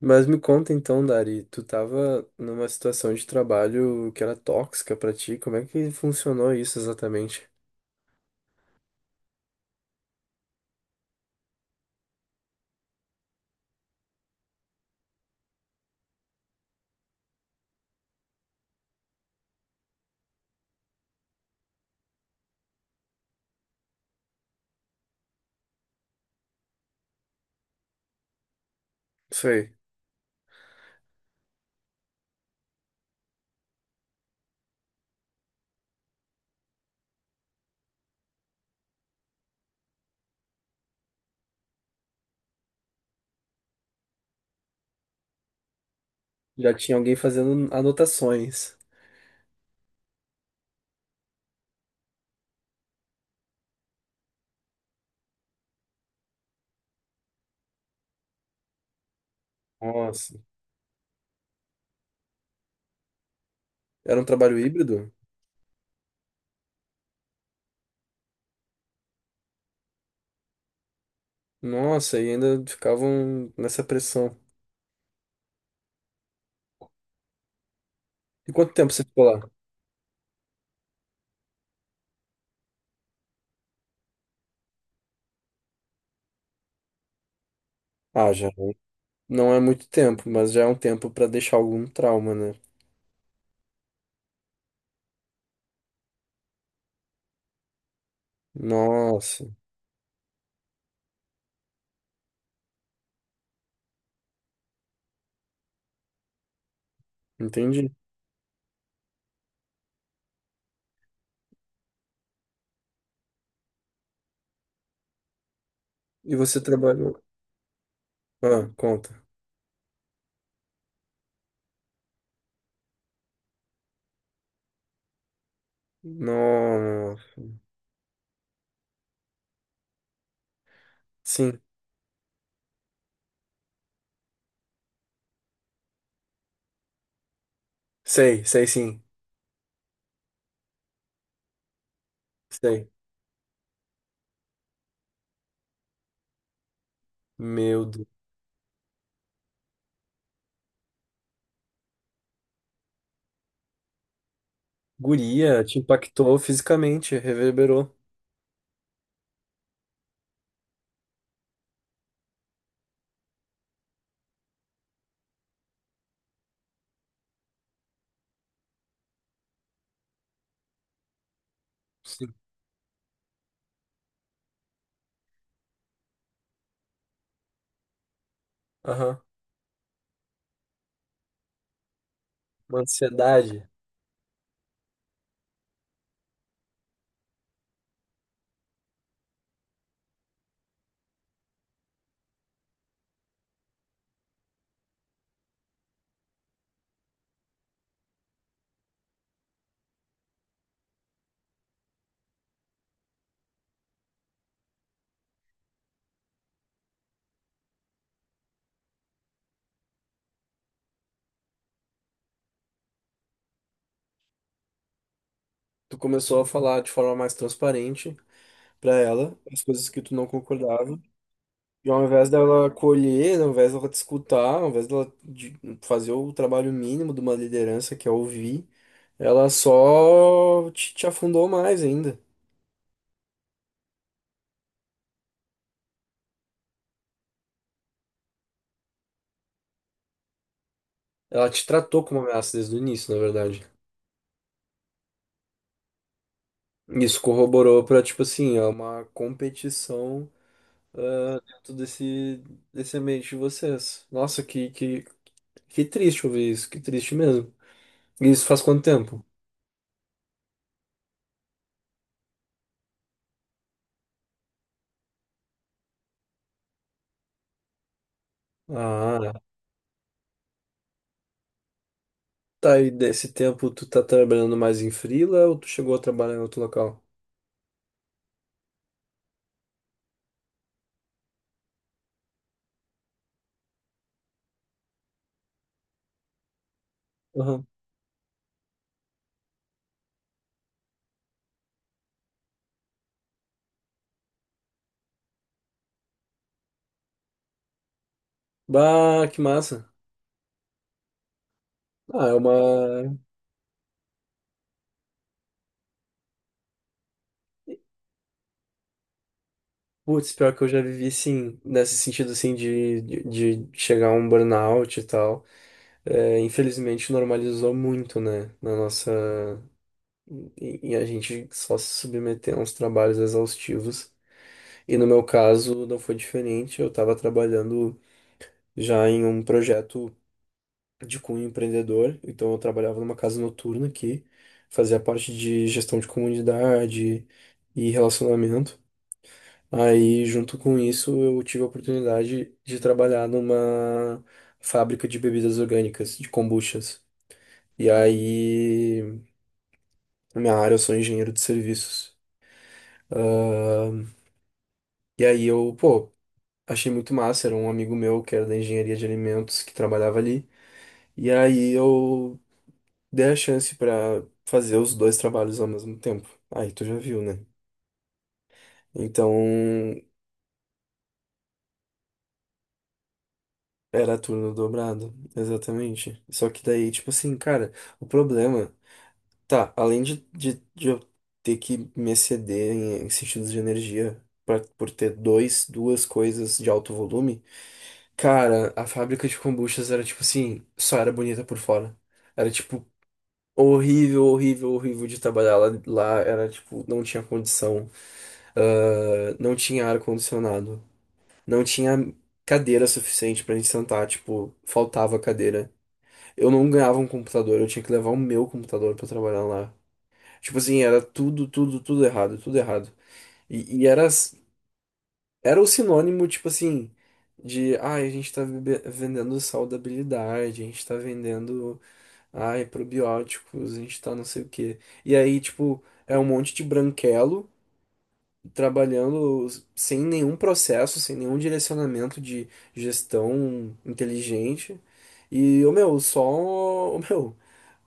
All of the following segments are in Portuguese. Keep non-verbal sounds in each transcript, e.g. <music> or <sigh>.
Mas me conta então, Dari, tu tava numa situação de trabalho que era tóxica pra ti, como é que funcionou isso exatamente? Sei. Já tinha alguém fazendo anotações. Nossa. Era um trabalho híbrido? Nossa, e ainda ficavam nessa pressão. E quanto tempo você ficou lá? Ah, já. Não é muito tempo, mas já é um tempo pra deixar algum trauma, né? Nossa, entendi. E você trabalhou. Ah, conta. Nossa. Sim, sei, sei sim. Sei. Meu Deus. Guria, te impactou fisicamente, reverberou. Sim. Aham. Uma ansiedade. Tu começou a falar de forma mais transparente pra ela as coisas que tu não concordava. E ao invés dela acolher, ao invés dela te escutar, ao invés dela fazer o trabalho mínimo de uma liderança, que é ouvir, ela só te afundou mais ainda. Ela te tratou como ameaça desde o início, na verdade. Isso corroborou pra, tipo assim, é uma competição, ah, dentro desse ambiente de vocês. Nossa, que triste ouvir isso, que triste mesmo. E isso faz quanto tempo? Ah, tá, e desse tempo tu tá trabalhando mais em freela ou tu chegou a trabalhar em outro local? Aham. Bah, que massa. Ah, é uma. Putz, pior que eu já vivi, sim, nesse sentido, assim, de, de chegar a um burnout e tal. É, infelizmente, normalizou muito, né, na nossa... E, e a gente só se submeter a uns trabalhos exaustivos. E no meu caso não foi diferente, eu estava trabalhando já em um projeto de cunho empreendedor, então eu trabalhava numa casa noturna que fazia parte de gestão de comunidade e relacionamento. Aí, junto com isso, eu tive a oportunidade de trabalhar numa fábrica de bebidas orgânicas, de kombuchas. E aí, na minha área, eu sou engenheiro de serviços. Ahn, e aí eu, pô, achei muito massa, era um amigo meu que era da engenharia de alimentos que trabalhava ali. E aí eu dei a chance pra fazer os dois trabalhos ao mesmo tempo. Aí tu já viu, né? Então era turno dobrado, exatamente. Só que daí, tipo assim, cara, o problema, tá, além de, de eu ter que me exceder em, em sentidos de energia pra, por ter dois, duas coisas de alto volume, cara, a fábrica de kombuchas era tipo assim, só era bonita por fora. Era tipo horrível, horrível, horrível de trabalhar lá, lá era tipo, não tinha condição, ah, não tinha ar-condicionado, não tinha cadeira suficiente pra gente sentar, tipo, faltava cadeira. Eu não ganhava um computador, eu tinha que levar o meu computador pra trabalhar lá. Tipo assim, era tudo, tudo, tudo errado, tudo errado. E era, era o sinônimo, tipo assim, de, ai, a gente tá vendendo saudabilidade, a gente tá vendendo. Ai, probióticos, a gente tá não sei o quê. E aí, tipo, é um monte de branquelo trabalhando sem nenhum processo, sem nenhum direcionamento de gestão inteligente. E, ô meu, só, ô <laughs> meu,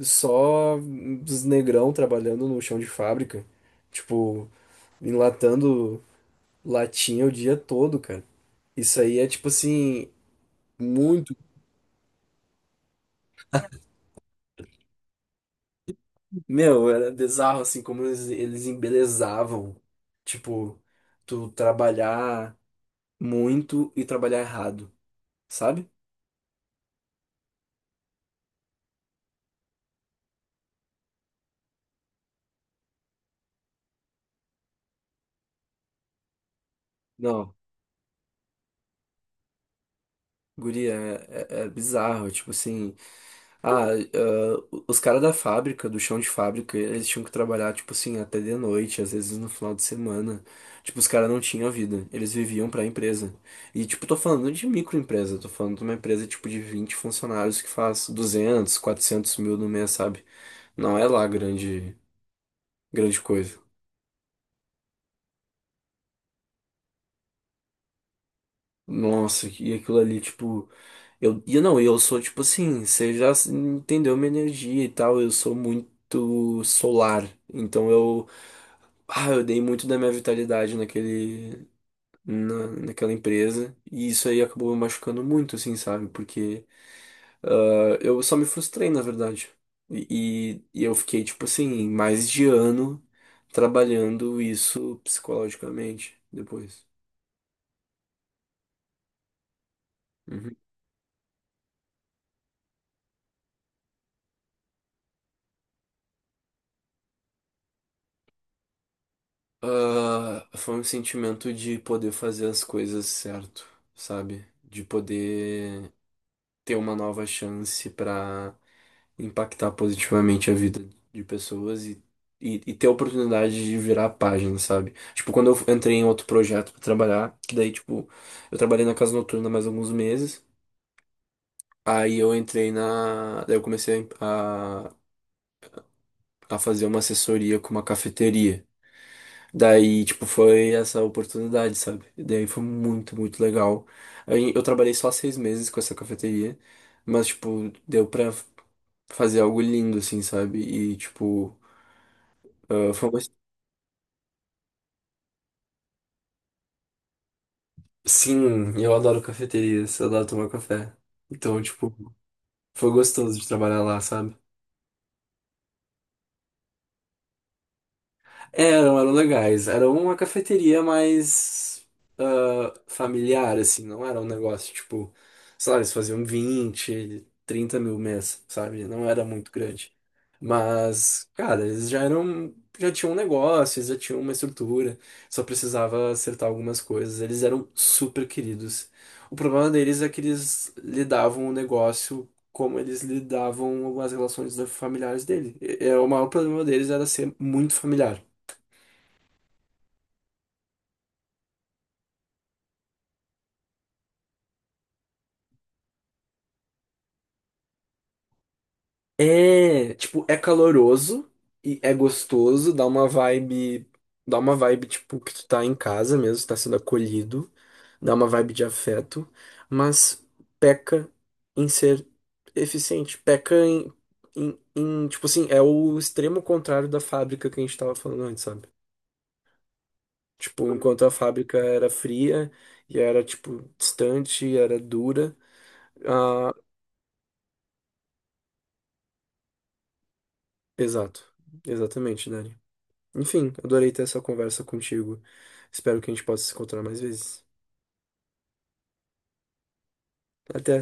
só os negrão trabalhando no chão de fábrica, tipo, enlatando latinha o dia todo, cara. Isso aí é, tipo assim, muito. Meu, era bizarro assim como eles embelezavam. Tipo, tu trabalhar muito e trabalhar errado, sabe? Não. Guria, é, é bizarro. Tipo assim, ah, os caras da fábrica, do chão de fábrica, eles tinham que trabalhar, tipo assim, até de noite, às vezes no final de semana. Tipo, os caras não tinham vida, eles viviam pra empresa. E, tipo, tô falando de microempresa, tô falando de uma empresa, tipo, de 20 funcionários que faz 200, 400 mil no mês, sabe? Não é lá grande, grande coisa. Nossa, e aquilo ali, tipo, eu, e não, e eu sou, tipo assim, você já entendeu minha energia e tal, eu sou muito solar, então eu, ah, eu dei muito da minha vitalidade naquele, naquela empresa. E isso aí acabou me machucando muito, assim, sabe? Porque ah, eu só me frustrei, na verdade. E eu fiquei, tipo assim, mais de ano trabalhando isso psicologicamente depois. Uhum. Ah, foi um sentimento de poder fazer as coisas certo, sabe? De poder ter uma nova chance pra impactar positivamente a vida de pessoas e ter a oportunidade de virar a página, sabe? Tipo, quando eu entrei em outro projeto pra trabalhar, que daí, tipo, eu trabalhei na casa noturna mais alguns meses, aí eu entrei na. Daí eu comecei a fazer uma assessoria com uma cafeteria. Daí, tipo, foi essa oportunidade, sabe? E daí foi muito, muito legal. Aí eu trabalhei só 6 meses com essa cafeteria, mas, tipo, deu pra fazer algo lindo, assim, sabe? E, tipo, ah, foi uma. Sim, eu adoro cafeterias, eu adoro tomar café. Então, tipo, foi gostoso de trabalhar lá, sabe? Eram, eram legais. Era uma cafeteria mais, ah, familiar, assim, não era um negócio tipo, sei lá, eles faziam 20, 30 mil mês, sabe? Não era muito grande. Mas, cara, eles já eram, já tinham um negócio, eles já tinham uma estrutura, só precisava acertar algumas coisas. Eles eram super queridos. O problema deles é que eles lidavam o negócio como eles lidavam com as relações familiares dele. É, o maior problema deles era ser muito familiar. É, tipo, é caloroso e é gostoso, dá uma vibe tipo que tu tá em casa mesmo, tá sendo acolhido, dá uma vibe de afeto, mas peca em ser eficiente, peca em, tipo assim, é o extremo contrário da fábrica que a gente tava falando antes, sabe? Tipo, enquanto a fábrica era fria e era tipo distante, era dura, ah, exato, exatamente, Dani. Enfim, adorei ter essa conversa contigo. Espero que a gente possa se encontrar mais vezes. Até.